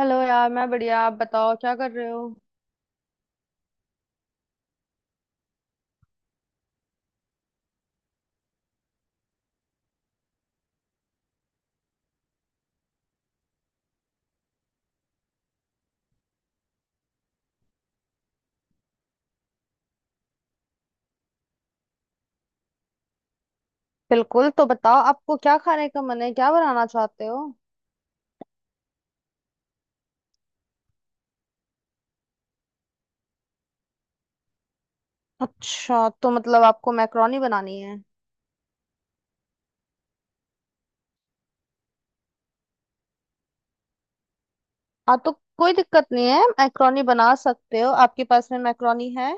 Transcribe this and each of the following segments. Hello यार, मैं बढ़िया। आप बताओ, क्या कर रहे हो? बिल्कुल, तो बताओ आपको क्या खाने का मन है, क्या बनाना चाहते हो? अच्छा, तो मतलब आपको मैक्रोनी बनानी है। हाँ, तो कोई दिक्कत नहीं है, मैक्रोनी बना सकते हो। आपके पास में मैक्रोनी है?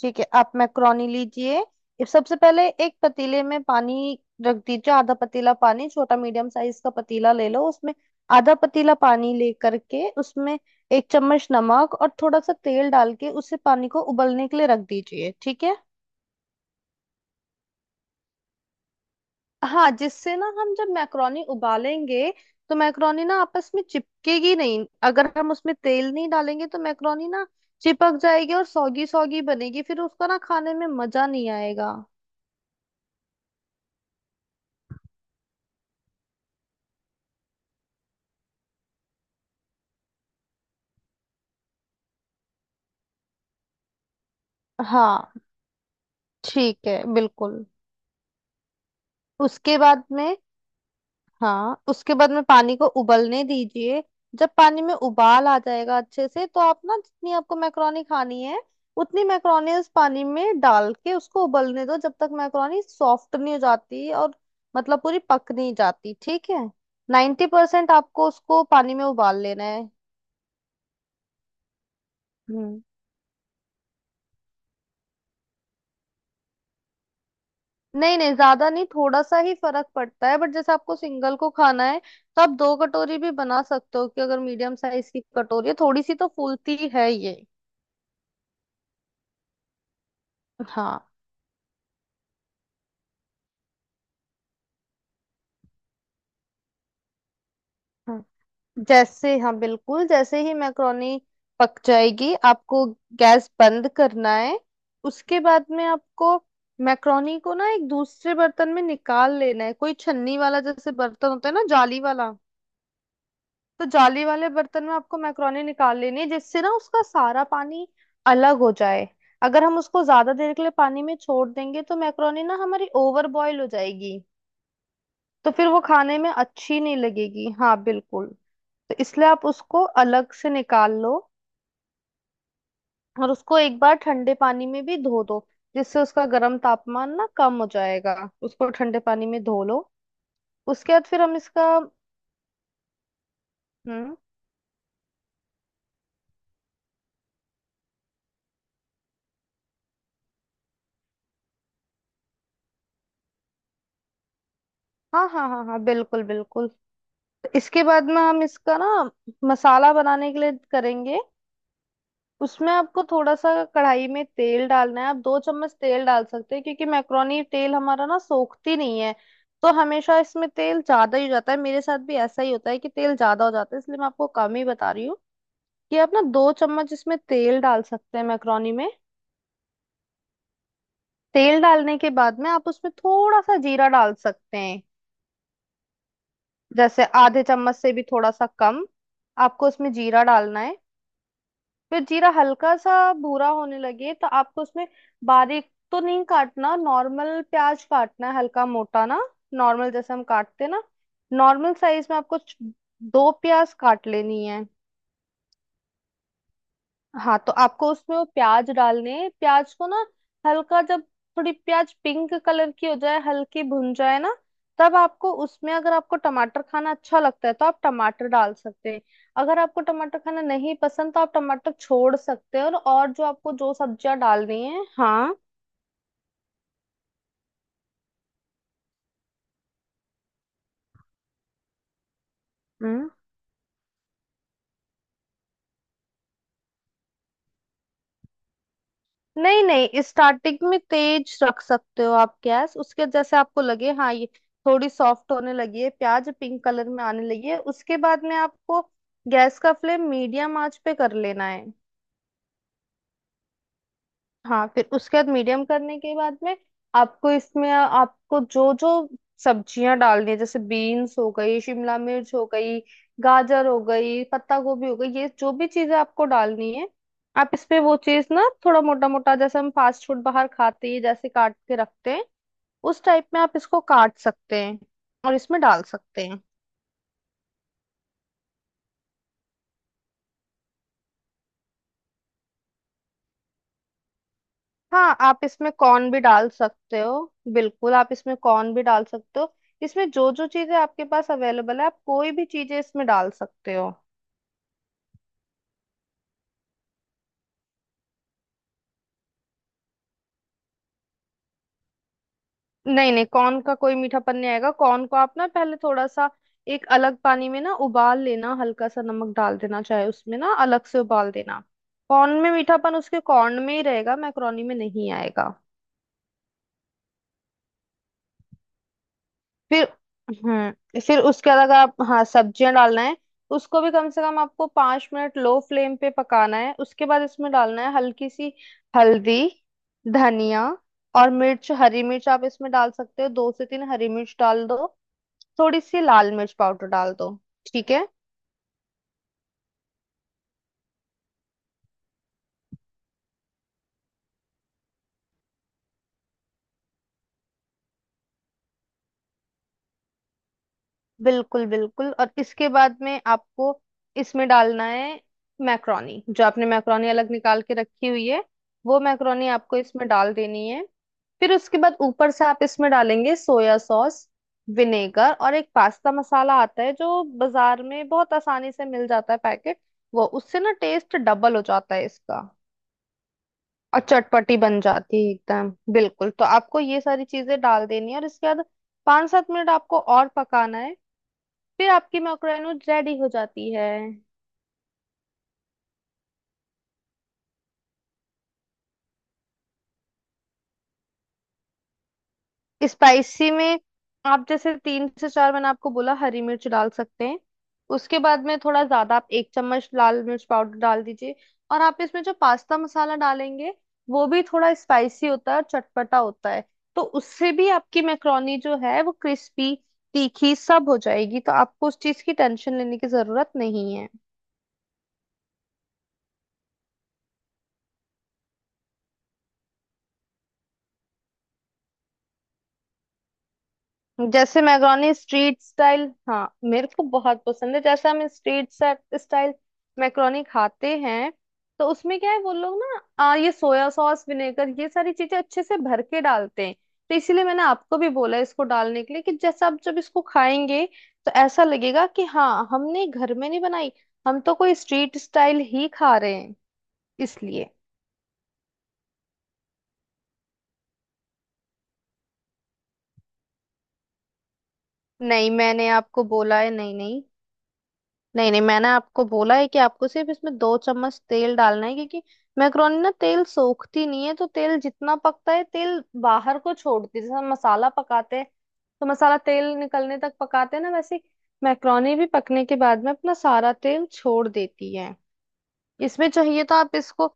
ठीक है, आप मैक्रोनी लीजिए। ये सबसे पहले एक पतीले में पानी रख दीजिए, आधा पतीला पानी। छोटा मीडियम साइज का पतीला ले लो, उसमें आधा पतीला पानी लेकर के उसमें 1 चम्मच नमक और थोड़ा सा तेल डाल के उसे पानी को उबलने के लिए रख दीजिए। ठीक है? हाँ, जिससे ना हम जब मैक्रोनी उबालेंगे तो मैक्रोनी ना आपस में चिपकेगी नहीं। अगर हम उसमें तेल नहीं डालेंगे तो मैक्रोनी ना चिपक जाएगी और सौगी सौगी बनेगी, फिर उसका ना खाने में मजा नहीं आएगा। हाँ, ठीक है बिल्कुल। उसके बाद में, हाँ, उसके बाद में पानी को उबलने दीजिए। जब पानी में उबाल आ जाएगा अच्छे से, तो आप ना जितनी आपको मैक्रोनी खानी है, उतनी मैक्रोनी उस पानी में डाल के उसको उबलने दो, जब तक मैक्रोनी सॉफ्ट नहीं हो जाती और मतलब पूरी पक नहीं जाती। ठीक है? 90% आपको उसको पानी में उबाल लेना है। हम्म। नहीं नहीं, ज्यादा नहीं, थोड़ा सा ही फर्क पड़ता है। बट जैसे आपको सिंगल को खाना है तो आप दो कटोरी भी बना सकते हो, कि अगर मीडियम साइज की कटोरी है, थोड़ी सी तो फूलती ही है ये। हाँ हाँ। जैसे हाँ, बिल्कुल, जैसे ही मैक्रोनी पक जाएगी आपको गैस बंद करना है। उसके बाद में आपको मैक्रोनी को ना एक दूसरे बर्तन में निकाल लेना है, कोई छन्नी वाला जैसे बर्तन होता है ना, जाली वाला। तो जाली वाले बर्तन में आपको मैक्रोनी निकाल लेनी है, जिससे ना उसका सारा पानी अलग हो जाए। अगर हम उसको ज्यादा देर के लिए पानी में छोड़ देंगे तो मैक्रोनी ना हमारी ओवर बॉयल हो जाएगी, तो फिर वो खाने में अच्छी नहीं लगेगी। हाँ बिल्कुल। तो इसलिए आप उसको अलग से निकाल लो, और उसको एक बार ठंडे पानी में भी धो दो, जिससे उसका गर्म तापमान ना कम हो जाएगा। उसको ठंडे पानी में धो लो। उसके बाद फिर हम इसका, हम्म, हाँ हाँ हाँ हाँ, बिल्कुल बिल्कुल, इसके बाद में हम इसका ना मसाला बनाने के लिए करेंगे। उसमें आपको थोड़ा सा कढ़ाई में तेल डालना है। आप 2 चम्मच तेल डाल सकते हैं, क्योंकि मैक्रोनी तेल हमारा ना सोखती नहीं है, तो हमेशा इसमें तेल ज्यादा ही हो जाता है। मेरे साथ भी ऐसा ही होता है कि तेल ज्यादा हो जाता है, इसलिए मैं आपको कम ही बता रही हूँ कि आप ना 2 चम्मच इसमें तेल डाल सकते हैं मैक्रोनी में। तेल डालने के बाद में आप उसमें थोड़ा सा जीरा डाल सकते हैं, जैसे आधे चम्मच से भी थोड़ा सा कम आपको उसमें जीरा डालना है। फिर जीरा हल्का सा भूरा होने लगे तो आपको उसमें, बारीक तो नहीं काटना, नॉर्मल प्याज काटना है, हल्का मोटा ना, नॉर्मल जैसे हम काटते ना, नॉर्मल साइज में आपको दो प्याज काट लेनी है। हाँ, तो आपको उसमें वो प्याज डालने हैं। प्याज को ना हल्का, जब थोड़ी प्याज पिंक कलर की हो जाए, हल्की भुन जाए ना, तब आपको उसमें, अगर आपको टमाटर खाना अच्छा लगता है तो आप टमाटर डाल सकते हैं। अगर आपको टमाटर खाना नहीं पसंद तो आप टमाटर छोड़ सकते हैं, और जो आपको जो सब्जियां डालनी है, हाँ। हम्म। नहीं नहीं, स्टार्टिंग में तेज रख सकते हो आप गैस, उसके जैसे आपको लगे हाँ ये थोड़ी सॉफ्ट होने लगी है, प्याज पिंक कलर में आने लगी है, उसके बाद में आपको गैस का फ्लेम मीडियम आंच पे कर लेना है। हाँ, फिर उसके बाद मीडियम करने के बाद में आपको इसमें आपको जो जो सब्जियां डालनी है, जैसे बीन्स हो गई, शिमला मिर्च हो गई, गाजर हो गई, पत्ता गोभी हो गई, ये जो भी चीजें आपको डालनी है आप इसपे वो चीज ना थोड़ा मोटा मोटा, जैसे हम फास्ट फूड बाहर खाते हैं जैसे काट के रखते हैं, उस टाइप में आप इसको काट सकते हैं और इसमें डाल सकते हैं। हाँ, आप इसमें कॉर्न भी डाल सकते हो, बिल्कुल, आप इसमें कॉर्न भी डाल सकते हो। इसमें जो जो चीजें आपके पास अवेलेबल है आप कोई भी चीजें इसमें डाल सकते हो। नहीं नहीं, कॉर्न का कोई मीठापन नहीं आएगा। कॉर्न को आप ना पहले थोड़ा सा एक अलग पानी में ना उबाल लेना, हल्का सा नमक डाल देना, चाहे उसमें ना अलग से उबाल देना। कॉर्न में मीठापन उसके कॉर्न में ही रहेगा, मैक्रोनी में नहीं आएगा। फिर, हम्म, फिर उसके अलग आप, हाँ, सब्जियां डालना है। उसको भी कम से कम आपको 5 मिनट लो फ्लेम पे पकाना है। उसके बाद इसमें डालना है हल्की सी हल्दी, धनिया, और मिर्च, हरी मिर्च। आप इसमें डाल सकते हो, दो से तीन हरी मिर्च डाल दो, थोड़ी सी लाल मिर्च पाउडर डाल दो। ठीक है? बिल्कुल बिल्कुल। और इसके बाद में आपको इसमें डालना है मैक्रोनी, जो आपने मैक्रोनी अलग निकाल के रखी हुई है, वो मैक्रोनी आपको इसमें डाल देनी है। फिर उसके बाद ऊपर से आप इसमें डालेंगे सोया सॉस, विनेगर, और एक पास्ता मसाला आता है जो बाजार में बहुत आसानी से मिल जाता है पैकेट, वो उससे ना टेस्ट डबल हो जाता है इसका, और चटपटी बन जाती है एकदम बिल्कुल। तो आपको ये सारी चीजें डाल देनी है, और इसके बाद 5-7 मिनट आपको और पकाना है। फिर आपकी मैक्रोनूड रेडी हो जाती है। स्पाइसी में आप जैसे तीन से चार, मैंने आपको बोला, हरी मिर्च डाल सकते हैं। उसके बाद में थोड़ा ज्यादा आप 1 चम्मच लाल मिर्च पाउडर डाल दीजिए। और आप इसमें जो पास्ता मसाला डालेंगे, वो भी थोड़ा स्पाइसी होता है और चटपटा होता है, तो उससे भी आपकी मैक्रोनी जो है वो क्रिस्पी तीखी सब हो जाएगी, तो आपको उस चीज की टेंशन लेने की जरूरत नहीं है। जैसे मैक्रोनी स्ट्रीट स्टाइल, हाँ मेरे को बहुत पसंद है। जैसे हम स्ट्रीट स्टाइल मैक्रोनी खाते हैं, तो उसमें क्या है, वो लोग ना ये सोया सॉस, विनेगर, ये सारी चीजें अच्छे से भर के डालते हैं। तो इसीलिए मैंने आपको भी बोला इसको डालने के लिए, कि जैसा आप जब इसको खाएंगे तो ऐसा लगेगा कि हाँ, हमने घर में नहीं बनाई, हम तो कोई स्ट्रीट स्टाइल ही खा रहे हैं, इसलिए। नहीं, मैंने आपको बोला है, नहीं नहीं नहीं नहीं, मैंने आपको बोला है कि आपको सिर्फ इसमें 2 चम्मच तेल डालना है, क्योंकि मैक्रोनी ना तेल सोखती नहीं है, तो तेल जितना पकता है तेल बाहर को छोड़ती है। जैसे हम मसाला पकाते हैं तो मसाला तेल निकलने तक पकाते हैं ना, वैसे मैक्रोनी भी पकने के बाद में अपना सारा तेल छोड़ देती है। इसमें चाहिए तो आप इसको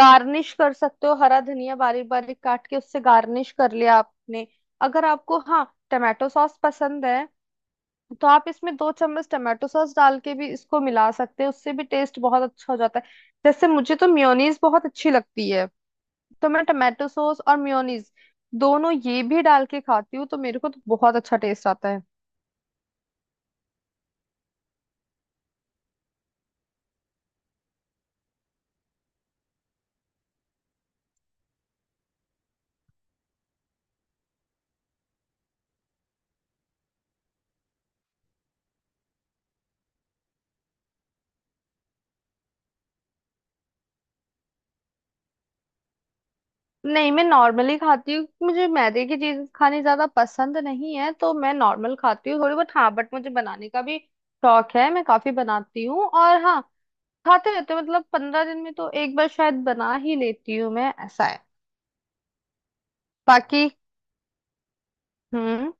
गार्निश कर सकते हो, हरा धनिया बारीक बारीक काट के उससे गार्निश कर लिया आपने। अगर आपको, हाँ, टमाटो सॉस पसंद है, तो आप इसमें 2 चम्मच टमाटो सॉस डाल के भी इसको मिला सकते हैं, उससे भी टेस्ट बहुत अच्छा हो जाता है। जैसे मुझे तो मेयोनीज बहुत अच्छी लगती है, तो मैं टमाटो सॉस और मेयोनीज दोनों ये भी डाल के खाती हूँ, तो मेरे को तो बहुत अच्छा टेस्ट आता है। नहीं, मैं नॉर्मली खाती हूँ। मुझे मैदे की चीज खानी ज्यादा पसंद नहीं है, तो मैं नॉर्मल खाती हूँ, थोड़ी बहुत। हाँ, बट मुझे बनाने का भी शौक है, मैं काफी बनाती हूँ, और हाँ, खाते रहते हैं, मतलब 15 दिन में तो एक बार शायद बना ही लेती हूँ मैं, ऐसा है बाकी। हम्म,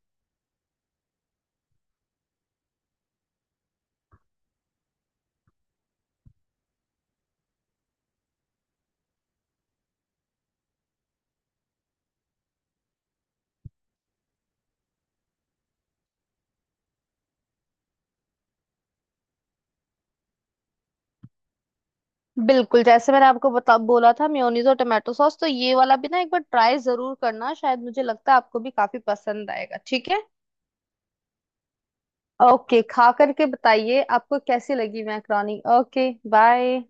बिल्कुल। जैसे मैंने आपको बता बोला था, मेयोनीज और टोमेटो सॉस, तो ये वाला भी ना एक बार ट्राई जरूर करना, शायद मुझे लगता है आपको भी काफी पसंद आएगा। ठीक है? ओके, खा करके बताइए आपको कैसी लगी मैक्रोनी। Okay, bye.